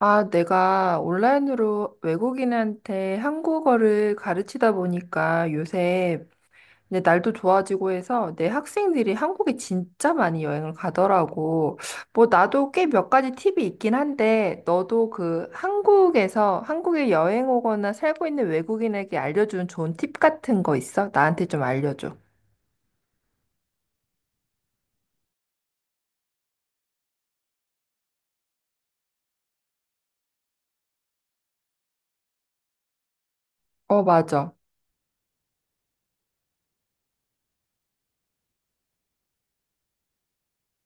아, 내가 온라인으로 외국인한테 한국어를 가르치다 보니까 요새 이제 날도 좋아지고 해서 내 학생들이 한국에 진짜 많이 여행을 가더라고. 뭐 나도 꽤 몇 가지 팁이 있긴 한데 너도 그 한국에서 한국에 여행 오거나 살고 있는 외국인에게 알려준 좋은 팁 같은 거 있어? 나한테 좀 알려줘. 어, 맞아.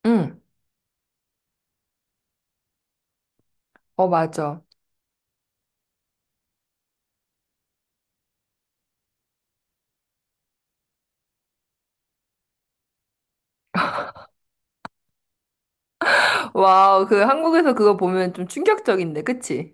응. 어, 맞아. 와우, 그 한국에서 그거 보면 좀 충격적인데, 그치?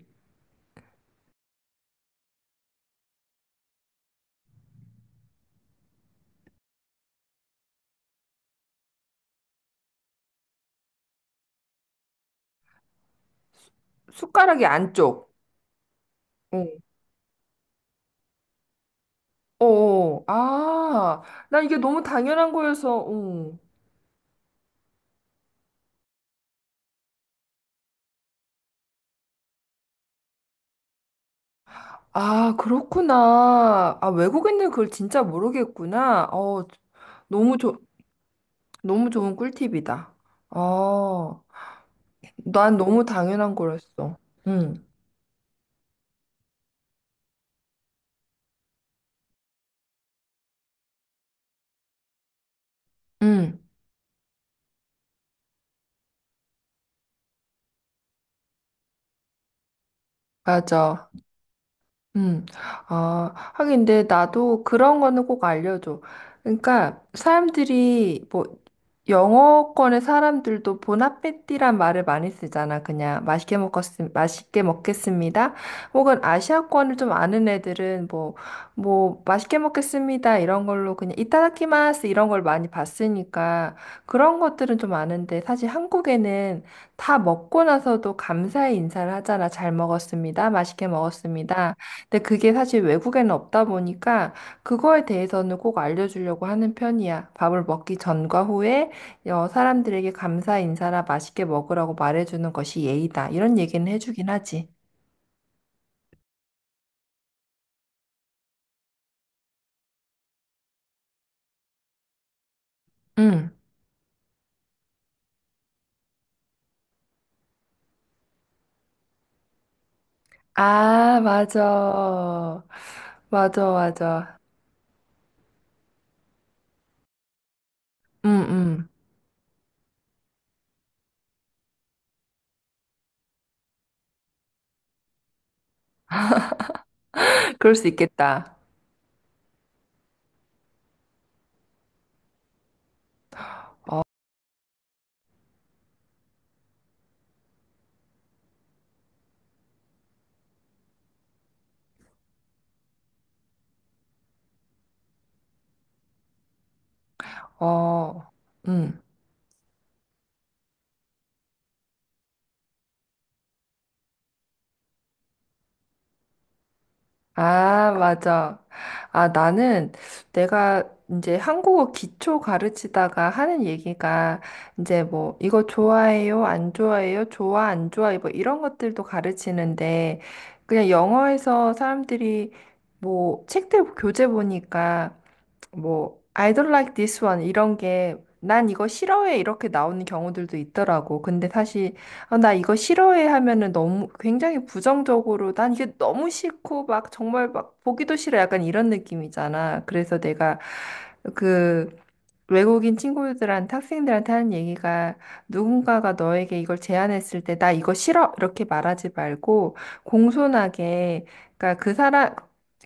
숟가락이 안쪽. 어, 어, 어. 아, 나 이게 너무 당연한 거여서, 어. 아, 그렇구나. 아, 외국인들 그걸 진짜 모르겠구나. 너무 좋, 너무 좋은 꿀팁이다. 어, 난 너무 당연한 거였어. 응, 응, 맞아. 음, 하긴 근데 나도 그런 거는 꼭 알려줘. 그러니까 사람들이 뭐 영어권의 사람들도 보나페티란 말을 많이 쓰잖아. 그냥 맛있게 먹었음, 맛있게 먹겠습니다. 혹은 아시아권을 좀 아는 애들은 뭐, 뭐 맛있게 먹겠습니다. 이런 걸로 그냥 이타다키마스 이런 걸 많이 봤으니까 그런 것들은 좀 아는데 사실 한국에는 다 먹고 나서도 감사의 인사를 하잖아. 잘 먹었습니다. 맛있게 먹었습니다. 근데 그게 사실 외국에는 없다 보니까 그거에 대해서는 꼭 알려주려고 하는 편이야. 밥을 먹기 전과 후에 어, 사람들에게 감사 인사나 맛있게 먹으라고 말해주는 것이 예의다. 이런 얘기는 해주긴 하지. 응. 아, 맞아. 맞아, 맞아. 응, 응. 그럴 수 있겠다. 어, 응. 아, 맞아. 아, 나는 내가 이제 한국어 기초 가르치다가 하는 얘기가 이제 뭐 이거 좋아해요? 안 좋아해요? 좋아, 안 좋아해? 뭐 이런 것들도 가르치는데 그냥 영어에서 사람들이 뭐 책들 교재 보니까 뭐 I don't like this one 이런 게 난 이거 싫어해 이렇게 나오는 경우들도 있더라고. 근데 사실 아, 나 이거 싫어해 하면은 너무 굉장히 부정적으로 난 이게 너무 싫고 막 정말 막 보기도 싫어 약간 이런 느낌이잖아. 그래서 내가 그 외국인 친구들한테 학생들한테 하는 얘기가 누군가가 너에게 이걸 제안했을 때 나 이거 싫어 이렇게 말하지 말고 공손하게 그러니까 그 사람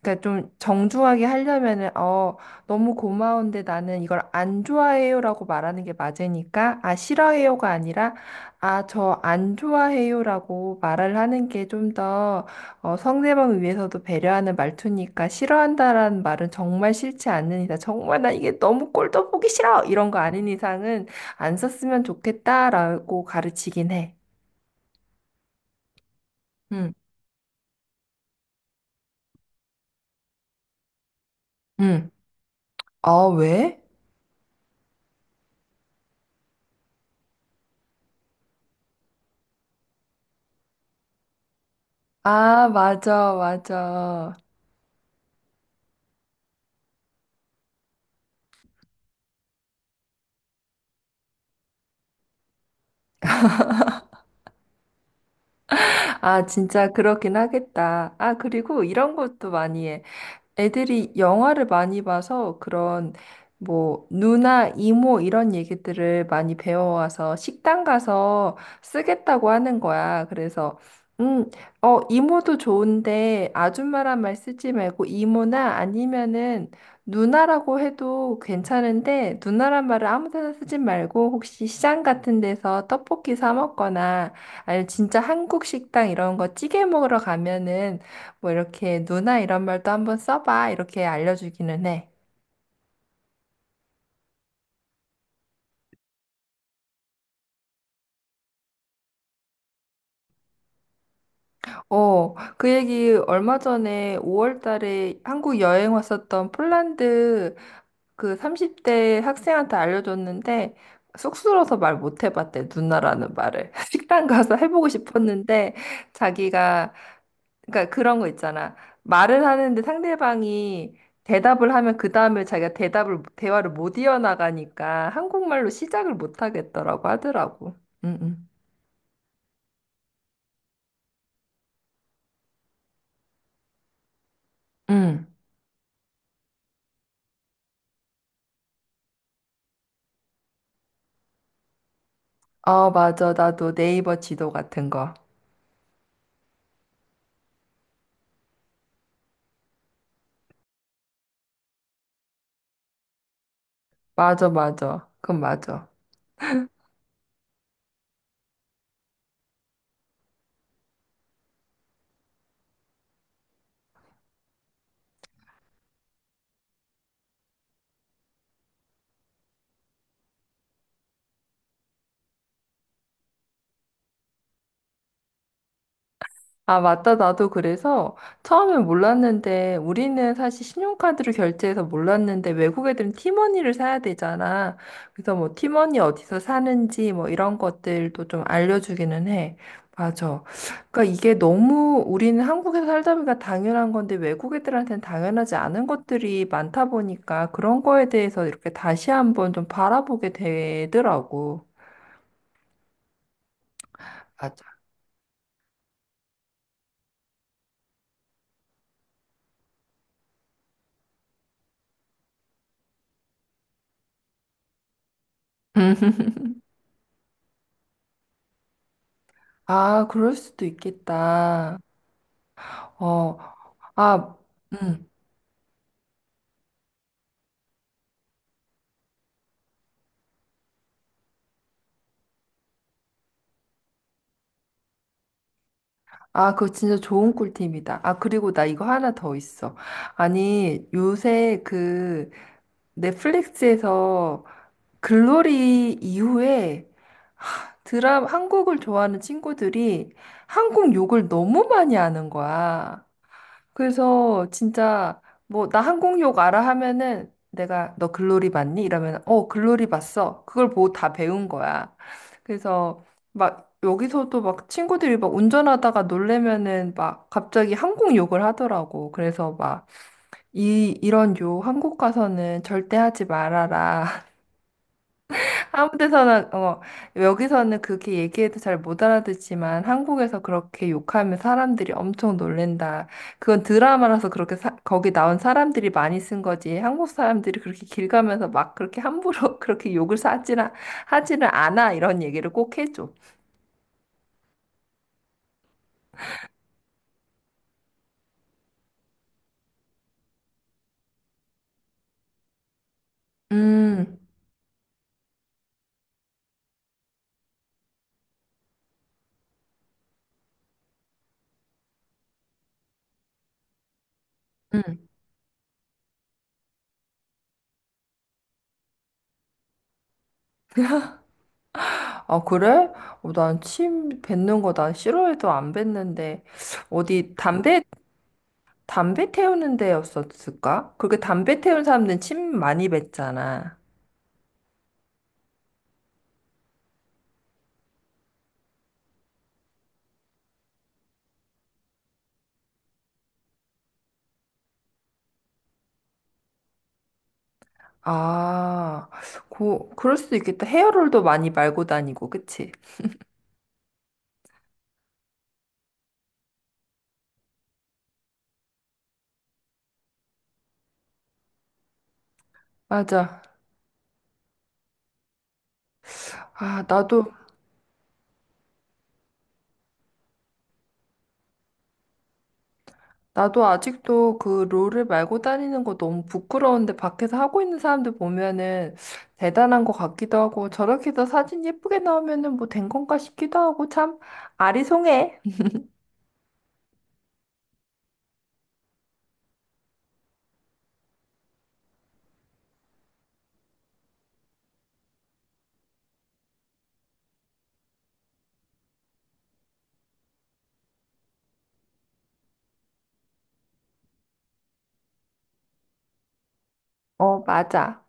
그러니까 좀 정중하게 하려면은 어 너무 고마운데 나는 이걸 안 좋아해요라고 말하는 게 맞으니까 아 싫어해요가 아니라 아 저 안 좋아해요라고 말을 하는 게 좀더 어, 상대방을 위해서도 배려하는 말투니까 싫어한다라는 말은 정말 싫지 않는 이상, 정말 나 이게 너무 꼴도 보기 싫어! 이런 거 아닌 이상은 안 썼으면 좋겠다라고 가르치긴 해. 응, 응. 아, 왜? 아, 맞아, 맞아. 아, 진짜 그렇긴 하겠다. 아, 그리고 이런 것도 많이 해. 애들이 영화를 많이 봐서 그런 뭐 누나, 이모 이런 얘기들을 많이 배워와서 식당 가서 쓰겠다고 하는 거야. 그래서 음, 어, 이모도 좋은데 아줌마란 말 쓰지 말고 이모나 아니면은 누나라고 해도 괜찮은데 누나란 말을 아무 데나 쓰지 말고 혹시 시장 같은 데서 떡볶이 사 먹거나 아니면 진짜 한국 식당 이런 거 찌개 먹으러 가면은 뭐 이렇게 누나 이런 말도 한번 써봐 이렇게 알려주기는 해. 어, 그 얘기 얼마 전에 5월 달에 한국 여행 왔었던 폴란드 그 30대 학생한테 알려줬는데 쑥스러워서 말 못 해봤대 누나라는 말을. 식당 가서 해보고 싶었는데 자기가 그러니까 그런 거 있잖아. 말을 하는데 상대방이 대답을 하면 그 다음에 자기가 대답을 대화를 못 이어나가니까 한국말로 시작을 못 하겠더라고 하더라고. 응, 응. 응. 어, 맞아. 나도 네이버 지도 같은 거. 맞아, 맞아. 그건 맞아. 아, 맞다. 나도 그래서 처음엔 몰랐는데 우리는 사실 신용카드로 결제해서 몰랐는데 외국 애들은 티머니를 사야 되잖아. 그래서 뭐 티머니 어디서 사는지 뭐 이런 것들도 좀 알려주기는 해. 맞아. 그러니까 이게 너무 우리는 한국에서 살다 보니까 당연한 건데 외국 애들한테는 당연하지 않은 것들이 많다 보니까 그런 거에 대해서 이렇게 다시 한번 좀 바라보게 되더라고. 맞아. 아, 그럴 수도 있겠다. 어, 아, 음. 아, 그거 진짜 좋은 꿀팁이다. 아, 그리고 나 이거 하나 더 있어. 아니, 요새 그 넷플릭스에서 글로리 이후에 드라 한국을 좋아하는 친구들이 한국 욕을 너무 많이 하는 거야. 그래서 진짜 뭐 나 항공욕 알아 하면은 내가 너 글로리 봤니? 이러면 어 글로리 봤어. 그걸 보고 다 배운 거야. 그래서 막 여기서도 막 친구들이 막 운전하다가 놀래면은 막 갑자기 항공욕을 하더라고. 그래서 막 이 이런 욕 한국 가서는 절대 하지 말아라. 아무 데서나 어 여기서는 그렇게 얘기해도 잘 못 알아듣지만 한국에서 그렇게 욕하면 사람들이 엄청 놀랜다. 그건 드라마라서 그렇게 사- 거기 나온 사람들이 많이 쓴 거지. 한국 사람들이 그렇게 길 가면서 막 그렇게 함부로 그렇게 욕을 하지나 하지는 않아 이런 얘기를 꼭 해줘. 음. 음. 아, 그래? 어, 난침 뱉는 거 난 싫어해도 안 뱉는데 어디 담배 담배 태우는 데였었을까? 그렇게 담배 태운 사람들은 침 많이 뱉잖아. 아, 고, 그럴 수도 있겠다. 헤어롤도 많이 말고 다니고, 그치? 맞아. 아, 나도, 나도 아직도 그 롤을 말고 다니는 거 너무 부끄러운데 밖에서 하고 있는 사람들 보면은 대단한 것 같기도 하고 저렇게 해서 사진 예쁘게 나오면은 뭐 된 건가 싶기도 하고 참 아리송해. 어, 맞아.